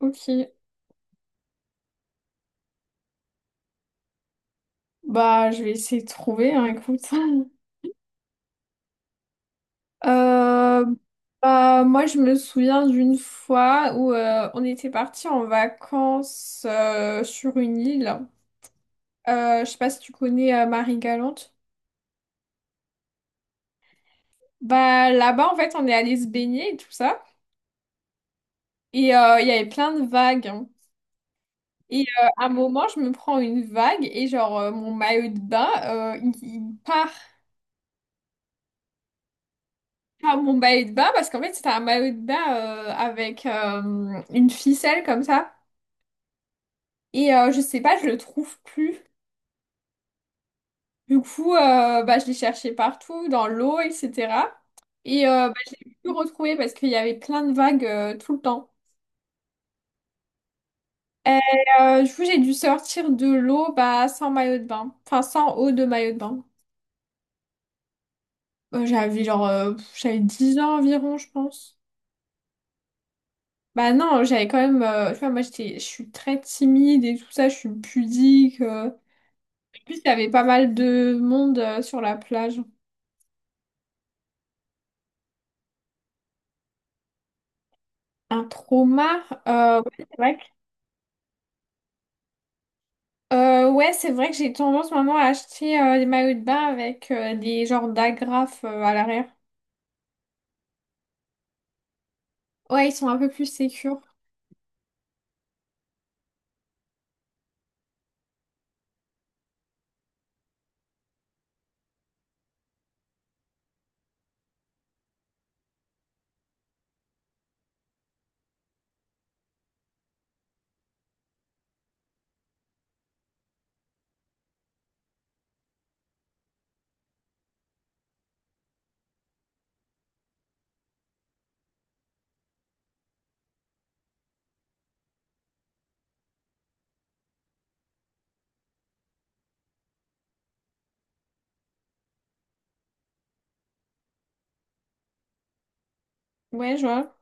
Ok, bah je vais essayer de trouver, hein, écoute. Euh, moi je me souviens d'une fois où on était parti en vacances sur une île. Je sais pas si tu connais Marie-Galante. Bah là-bas en fait on est allé se baigner et tout ça. Et il y avait plein de vagues, hein. Et à un moment je me prends une vague et genre mon maillot de bain il part. Ah mon maillot de bain parce qu'en fait c'était un maillot de bain avec une ficelle comme ça et je sais pas je le trouve plus, du coup bah, je l'ai cherché partout dans l'eau etc. Et bah, je l'ai plus retrouvé parce qu'il y avait plein de vagues tout le temps et du coup j'ai dû sortir de l'eau bah, sans maillot de bain enfin sans eau de maillot de bain. J'avais genre j'avais 10 ans environ je pense. Bah non j'avais quand même tu vois moi j'étais je suis très timide et tout ça je suis pudique. Plus, il y avait pas mal de monde sur la plage. Un trauma. Ouais, c'est vrai que, ouais, c'est vrai que j'ai tendance maintenant à acheter des maillots de bain avec des genres d'agrafes à l'arrière. Ouais, ils sont un peu plus sécures. Ouais, je vois.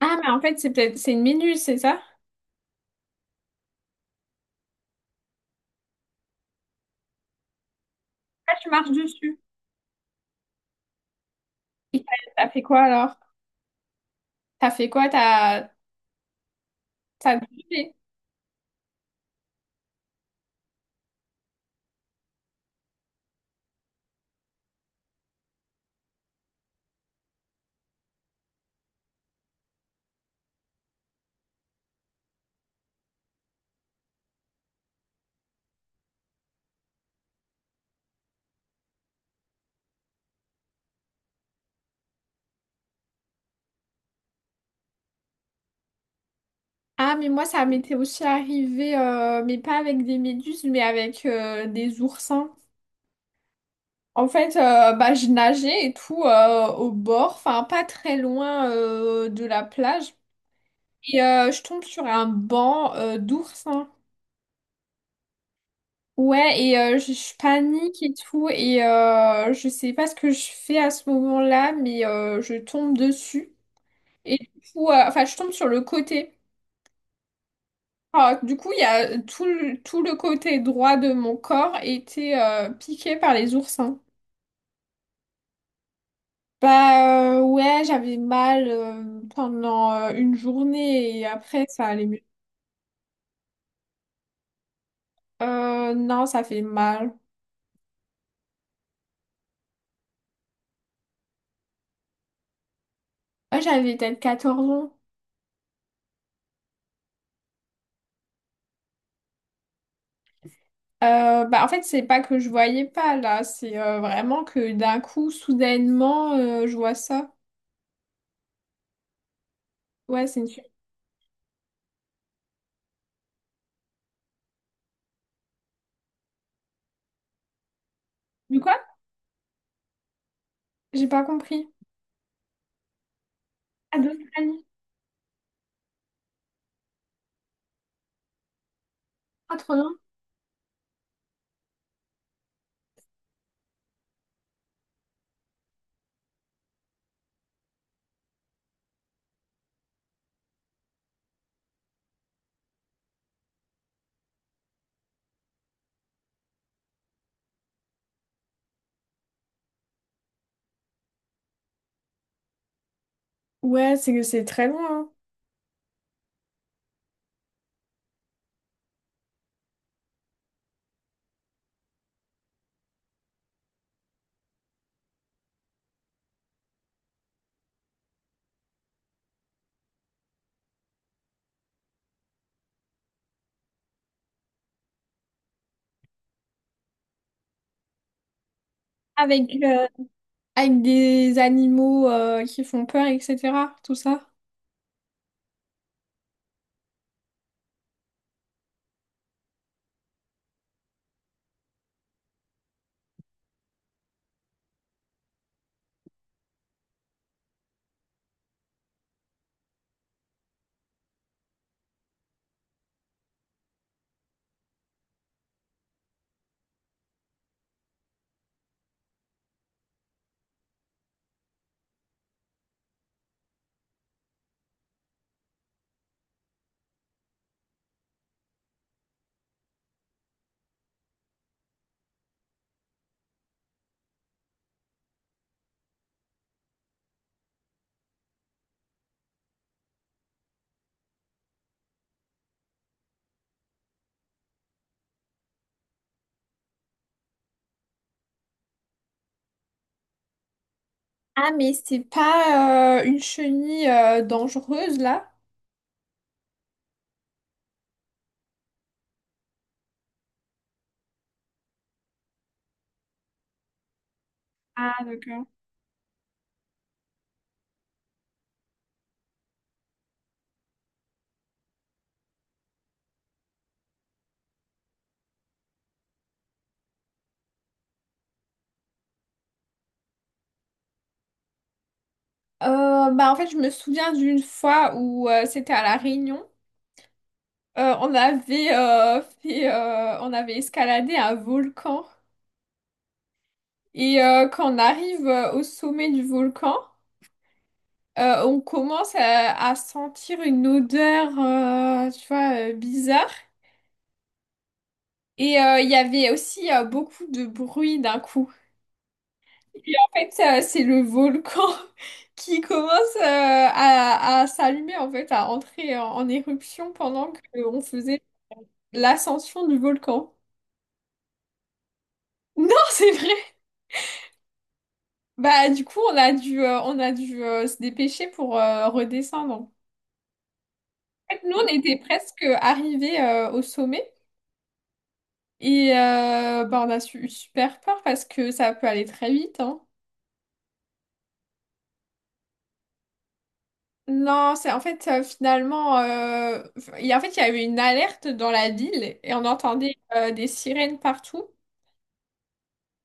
Ah, mais en fait, c'est peut-être c'est une minuse, c'est ça? Ah, tu marches dessus. Et t'as fait quoi alors? T'as fait quoi? T'as bougé. Ah, mais moi, ça m'était aussi arrivé, mais pas avec des méduses, mais avec des oursins. En fait, bah, je nageais et tout au bord, enfin pas très loin de la plage. Et je tombe sur un banc d'oursins. Ouais, et je panique et tout. Et je sais pas ce que je fais à ce moment-là, mais je tombe dessus. Et du coup, enfin, je tombe sur le côté. Alors, du coup, il y a tout, tout le côté droit de mon corps était piqué par les oursins. Bah ouais, j'avais mal pendant une journée et après ça allait mieux. Non, ça fait mal. Ouais, j'avais peut-être 14 ans. Bah en fait, c'est pas que je voyais pas là, c'est vraiment que d'un coup, soudainement, je vois ça. Ouais. Du quoi? J'ai pas compris. Ah, d'Australie. Ah, trop loin. Ouais, c'est que c'est très loin, hein. Avec, avec des animaux qui font peur, etc. Tout ça. Ah, mais c'est pas une chenille dangereuse là? Ah, d'accord. Bah, en fait, je me souviens d'une fois où c'était à La Réunion. On avait on avait escaladé un volcan. Et quand on arrive au sommet du volcan, on commence à sentir une odeur, tu vois, bizarre. Et il y avait aussi beaucoup de bruit d'un coup. Et en fait, c'est le volcan qui commence à s'allumer, en fait, à entrer en éruption pendant qu'on faisait l'ascension du volcan. Non, c'est vrai. Bah, du coup, on a dû se dépêcher pour redescendre. En fait, nous, on était presque arrivés au sommet. Et bah, eu super peur parce que ça peut aller très vite, hein. Non, c'est en fait finalement, en fait il y a eu une alerte dans la ville et on entendait des sirènes partout.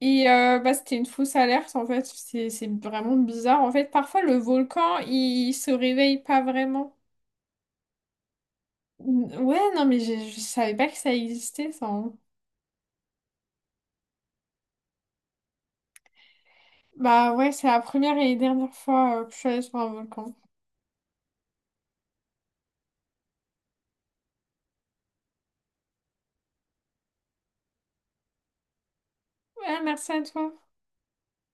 Et bah, c'était une fausse alerte en fait, c'est vraiment bizarre. En fait, parfois le volcan il se réveille pas vraiment. Ouais, non mais savais pas que ça existait ça, hein. Bah ouais, c'est la première et dernière fois que je suis allée sur un volcan. Ouais, merci à toi.